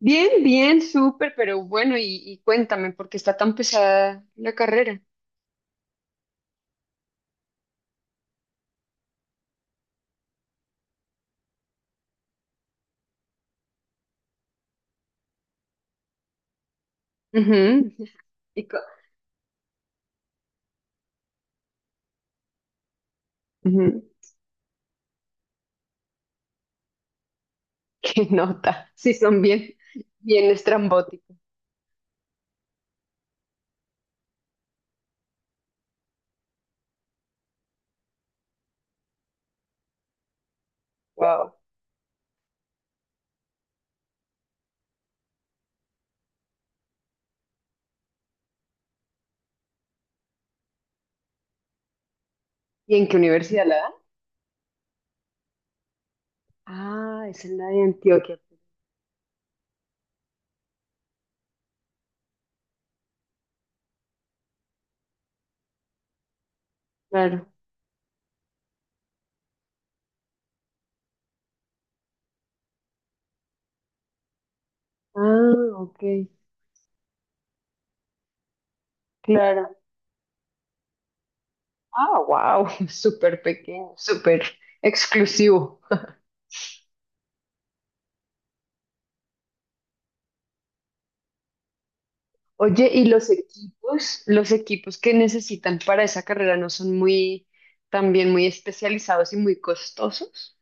Bien, bien, súper, pero bueno, y cuéntame, ¿por qué está tan pesada la carrera? Ujú. y co- Ujú. ¿Qué nota? Sí, son bien, bien estrambóticos. Wow. ¿Y en qué universidad la dan? Ah, es en la de Antioquia. Claro. Ah, ok. Claro. Ah, wow. Súper pequeño, súper exclusivo. Oye, ¿y los equipos? Los equipos que necesitan para esa carrera no son muy, también muy especializados y muy costosos.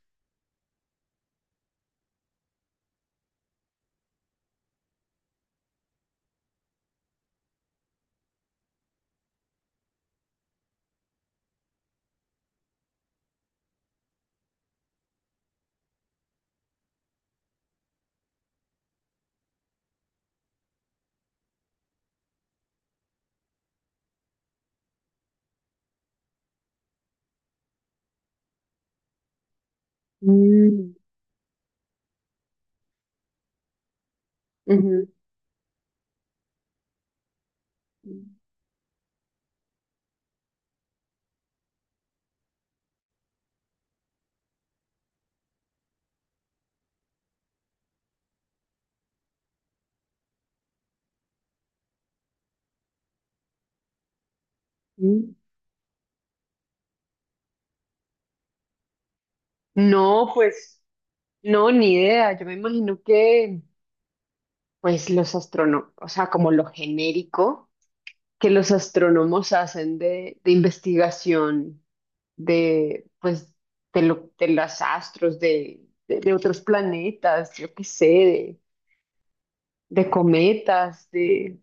Mm, ujú, mm. No, pues, no, ni idea. Yo me imagino que, pues, los astrónomos, o sea, como lo genérico que los astrónomos hacen de investigación de, pues, de los astros, de, de otros planetas, yo qué sé, de cometas, de...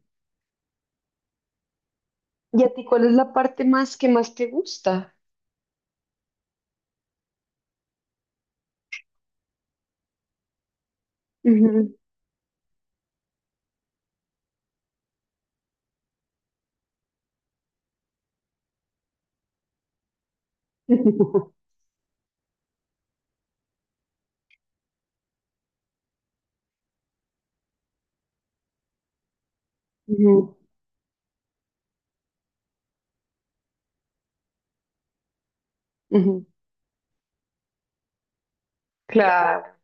¿Y a ti cuál es la parte más que más te gusta? Ujú. Ujú, ujú. Claro,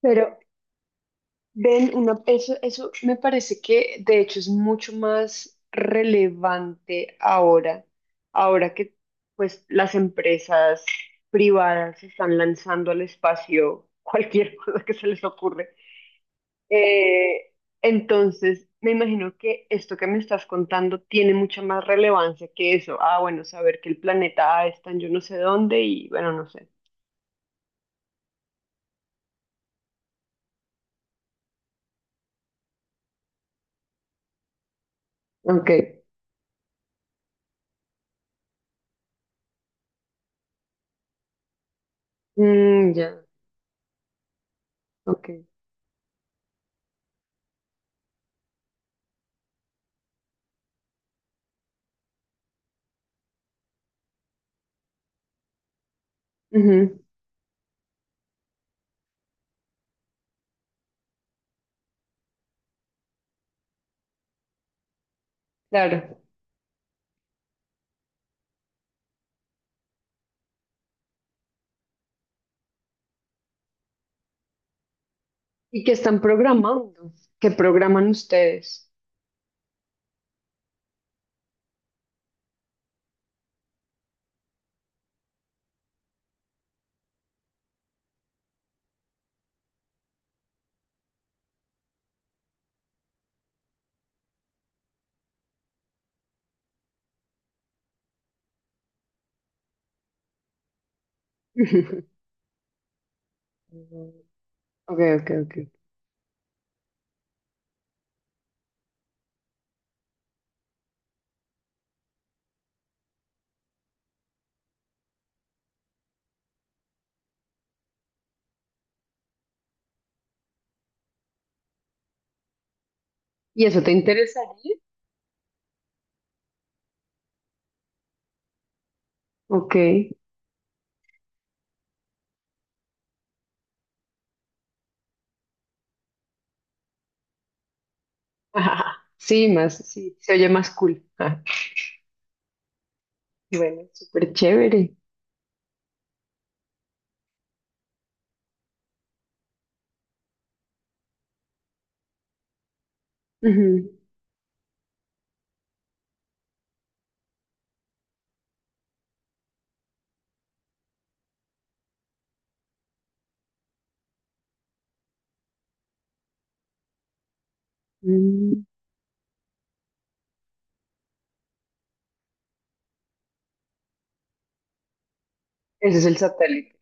pero... Ven, una, eso me parece que de hecho es mucho más relevante ahora, ahora que pues las empresas privadas se están lanzando al espacio cualquier cosa que se les ocurre. Eh, entonces, me imagino que esto que me estás contando tiene mucha más relevancia que eso. Ah, bueno, saber que el planeta A está en yo no sé dónde y bueno, no sé. Ok. Mm, ya, ok. Ujú. Claro. ¿Y qué están programando? ¿Qué programan ustedes? Mm, ok, ok, ok. ¿Y eso te interesaría? Ok. Ajá. Sí, más, sí, se oye más cool. Ah, bueno, súper chévere. Ujú. Mm. Ese es el satélite.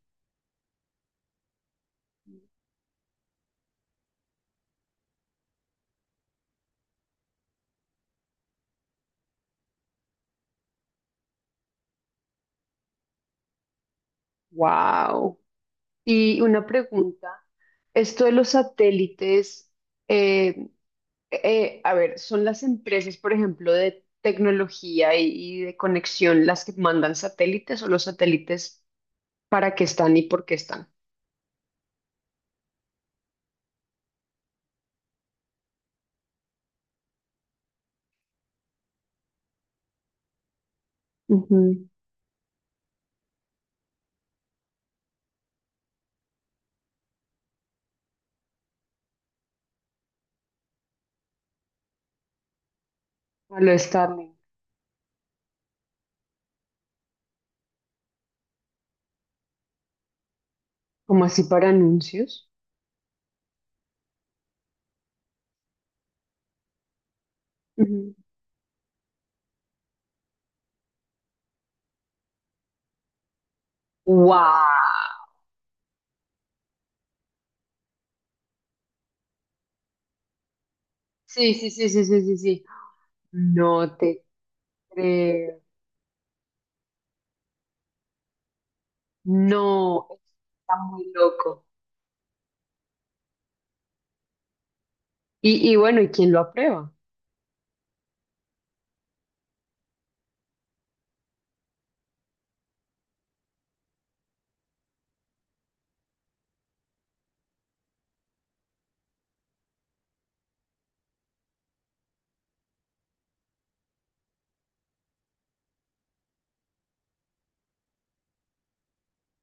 Wow. Y una pregunta, esto de los satélites, eh, a ver, ¿son las empresas, por ejemplo, de tecnología y de conexión las que mandan satélites, o los satélites para qué están y por qué están? Ujú. A lo Starlink. ¿Como así para anuncios? Ujú. ¡Wow! Sí, sí, sí, sí, sí, sí, sí. No te creo. No, está muy loco. Y bueno, ¿y quién lo aprueba?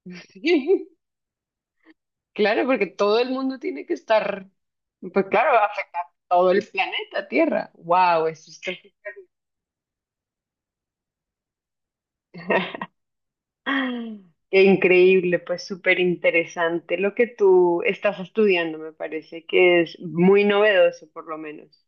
Claro, porque todo el mundo tiene que estar, pues claro, va a afectar todo el planeta Tierra. ¡Wow! Eso está... Qué increíble, pues súper interesante lo que tú estás estudiando, me parece que es muy novedoso por lo menos.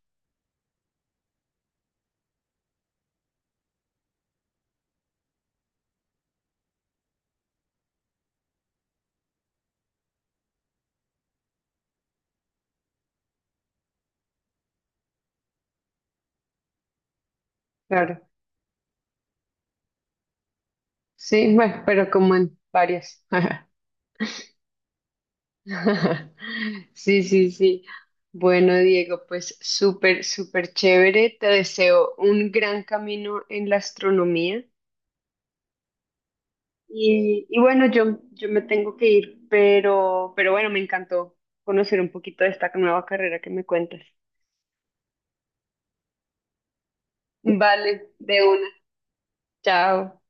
Claro. Sí, bueno, pero como en varias. Sí, sí, sí. Bueno, Diego, pues súper, súper chévere. Te deseo un gran camino en la astronomía. Y bueno, yo me tengo que ir, pero bueno, me encantó conocer un poquito de esta nueva carrera que me cuentas. Vale, de una. Chao.